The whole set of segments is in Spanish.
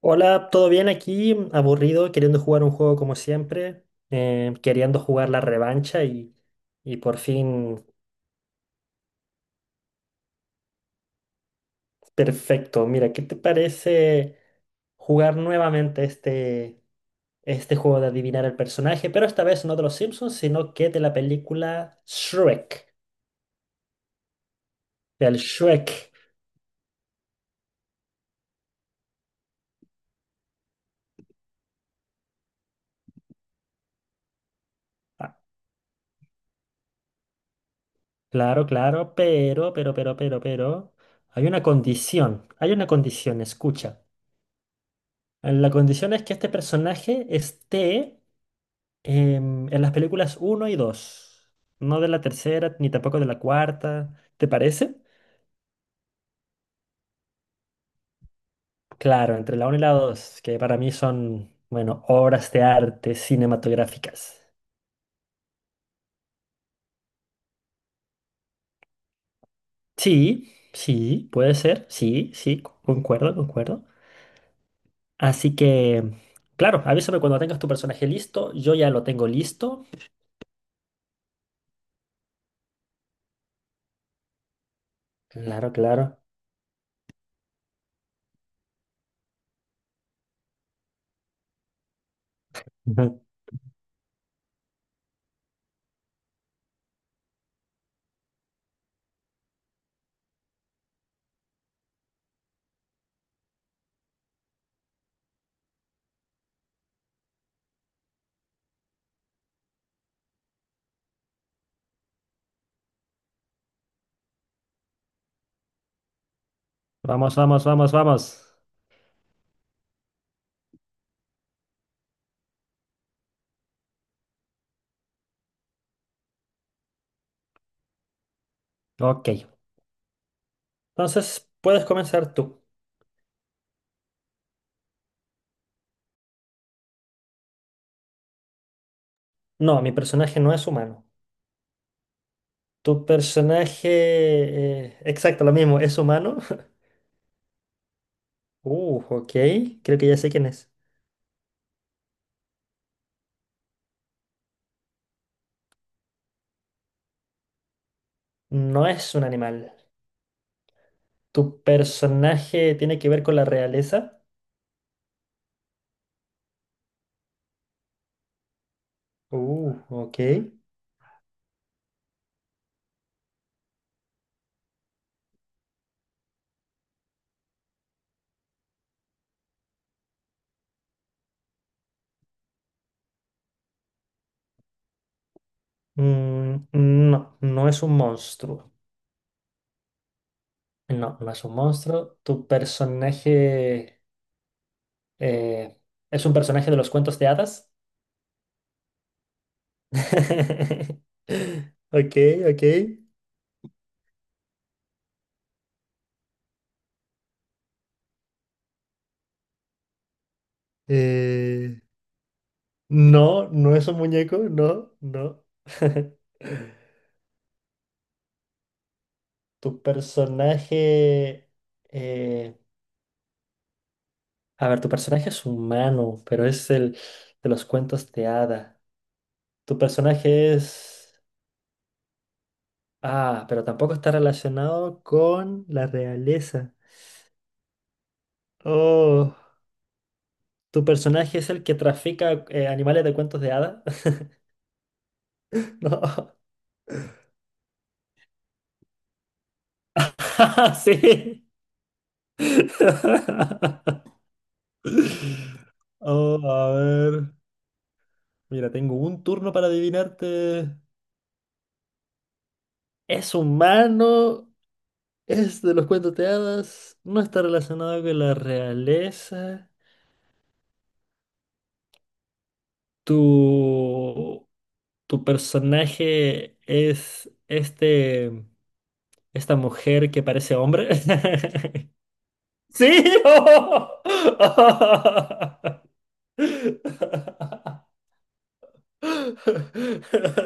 Hola, ¿todo bien aquí? Aburrido, queriendo jugar un juego como siempre, queriendo jugar la revancha y por fin, perfecto. Mira, ¿qué te parece jugar nuevamente este juego de adivinar el personaje? Pero esta vez no de los Simpsons, sino que de la película Shrek, del Shrek. Ah, claro, claro, pero, hay una condición, escucha. La condición es que este personaje esté en las películas uno y 2, no de la tercera ni tampoco de la cuarta, ¿te parece? Claro, entre la uno y la 2, que para mí son, bueno, obras de arte cinematográficas. Sí, sí, puede ser, sí, sí, concuerdo, concuerdo. Así que, claro, avísame cuando tengas tu personaje listo, yo ya lo tengo listo. Claro, claro. Ujú. Vamos, vamos, vamos, vamos. Ok, entonces puedes comenzar tú. No, mi personaje no es humano. ¿Tu personaje, exacto, lo mismo, es humano? Ok, creo que ya sé quién es. No es un animal. ¿Tu personaje tiene que ver con la realeza? Ok. Mm, no, no es un monstruo. No, no es un monstruo. ¿Tu personaje, eh, es un personaje de los cuentos de hadas? Ok, ok. Eh, no, no es un muñeco, no, no. Tu personaje... eh, a ver, tu personaje es humano, pero es el de los cuentos de hada. Tu personaje... es... Ah, pero tampoco está relacionado con la realeza. Oh, ¿tu personaje es el que trafica animales de cuentos de hada? No. Sí. Oh, a ver. Mira, tengo un turno para adivinarte. ¿Es humano? Es de los cuentos de hadas, no está relacionado con la realeza. Tu, tu personaje es esta mujer que parece hombre. ¡Sí!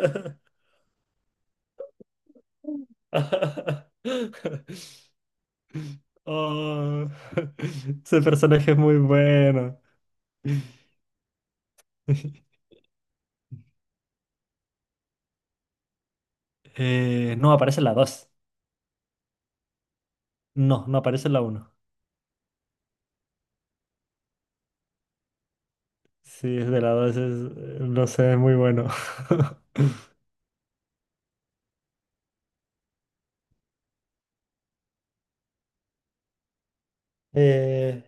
Oh, ese personaje es muy bueno. No, aparece la dos. No, no aparece la uno. Sí, es de la dos. No sé, es muy bueno. Eh,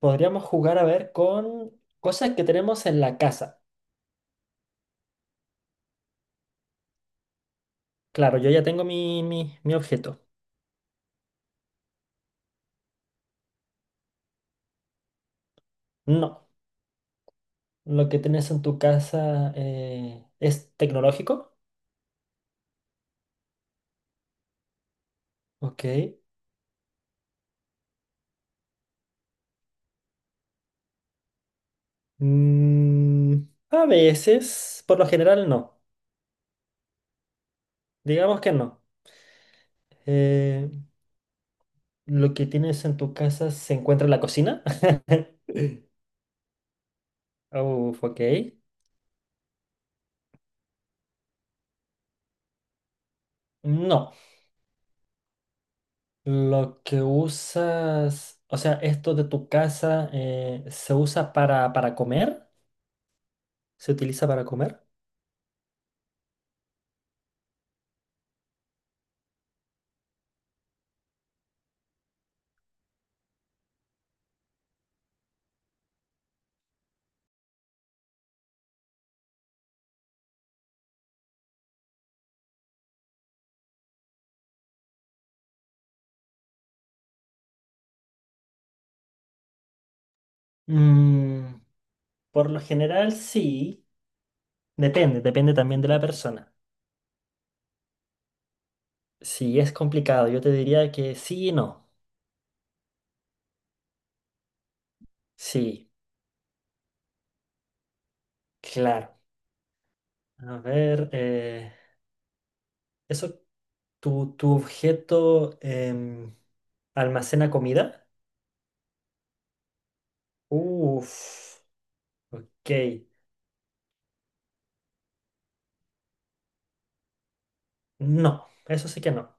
podríamos jugar a ver con cosas que tenemos en la casa. Claro, yo ya tengo mi objeto. No, lo que tienes en tu casa es tecnológico. Ok. Mm, a veces, por lo general no. Digamos que no. Eh, lo que tienes en tu casa se encuentra en la cocina. Uf, ok. No, lo que usas, o sea, esto de tu casa se usa para comer, se utiliza para comer. Mm, por lo general, sí, depende, depende también de la persona. Si es complicado, yo te diría que sí y no. Sí, claro. A ver, eso, tu objeto almacena comida. Uf, ok. No, eso sí que no.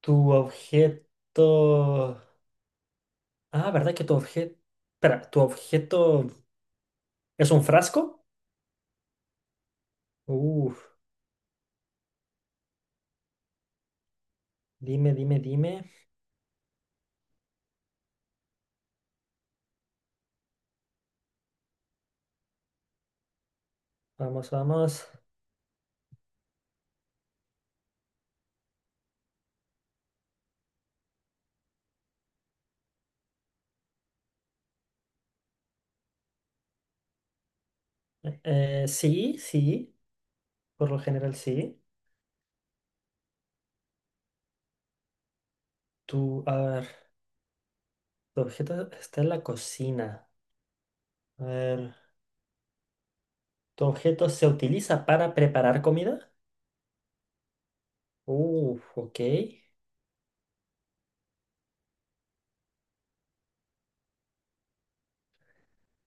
Tu objeto. Ah, ¿verdad que tu objeto. Espera, ¿tu objeto es un frasco? Uf, dime, dime, dime. Vamos, vamos. Sí, sí, por lo general sí. A ver, tu objeto está en la cocina. A ver, ¿tu objeto se utiliza para preparar comida? Uf, ok.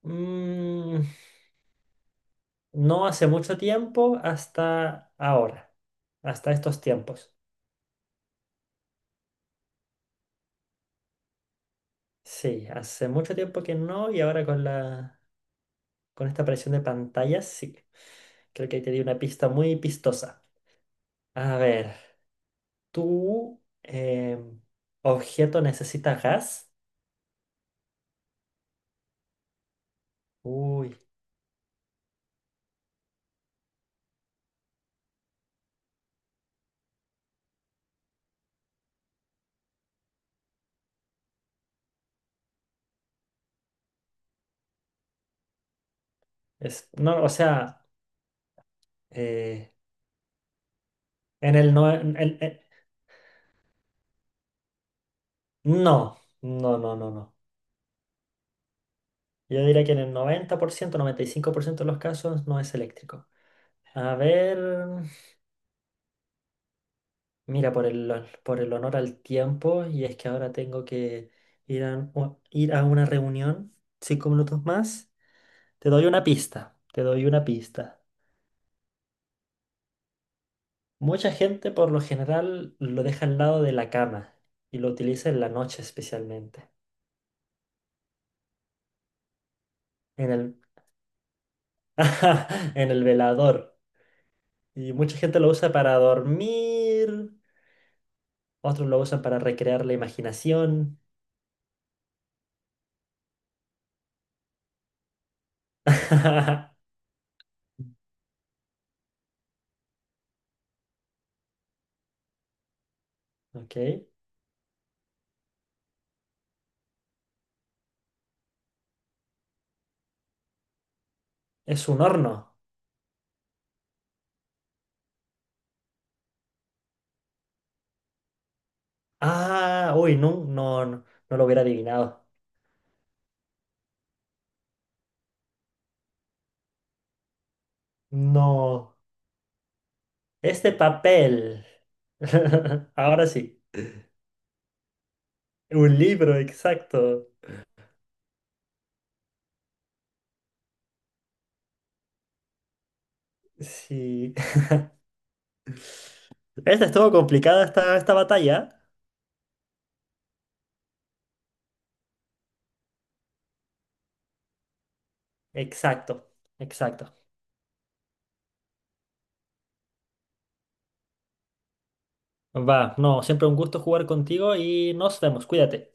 Mm, no hace mucho tiempo hasta ahora, hasta estos tiempos. Sí, hace mucho tiempo que no y ahora con esta aparición de pantallas, sí. Creo que ahí te di una pista muy pistosa. A ver, ¿tu objeto necesita gas? Uy, no, o sea, eh, en el no, en- no, no, no, no, no. Yo diría que en el noventa por ciento, 95% de los casos no es eléctrico. A ver. Mira, por el honor al tiempo, y es que ahora tengo que ir ir a una reunión 5 minutos más. Te doy una pista, te doy una pista. Mucha gente por lo general lo deja al lado de la cama y lo utiliza en la noche especialmente, en el, en el velador. Y mucha gente lo usa para dormir, otros lo usan para recrear la imaginación. Ok, es un horno. Ah, uy, no, no, no, no lo hubiera adivinado. No, es de papel. Ahora sí, un libro, exacto. Sí. Esta estuvo complicada esta batalla. Exacto, exacto. Va, no, siempre un gusto jugar contigo y nos vemos, cuídate.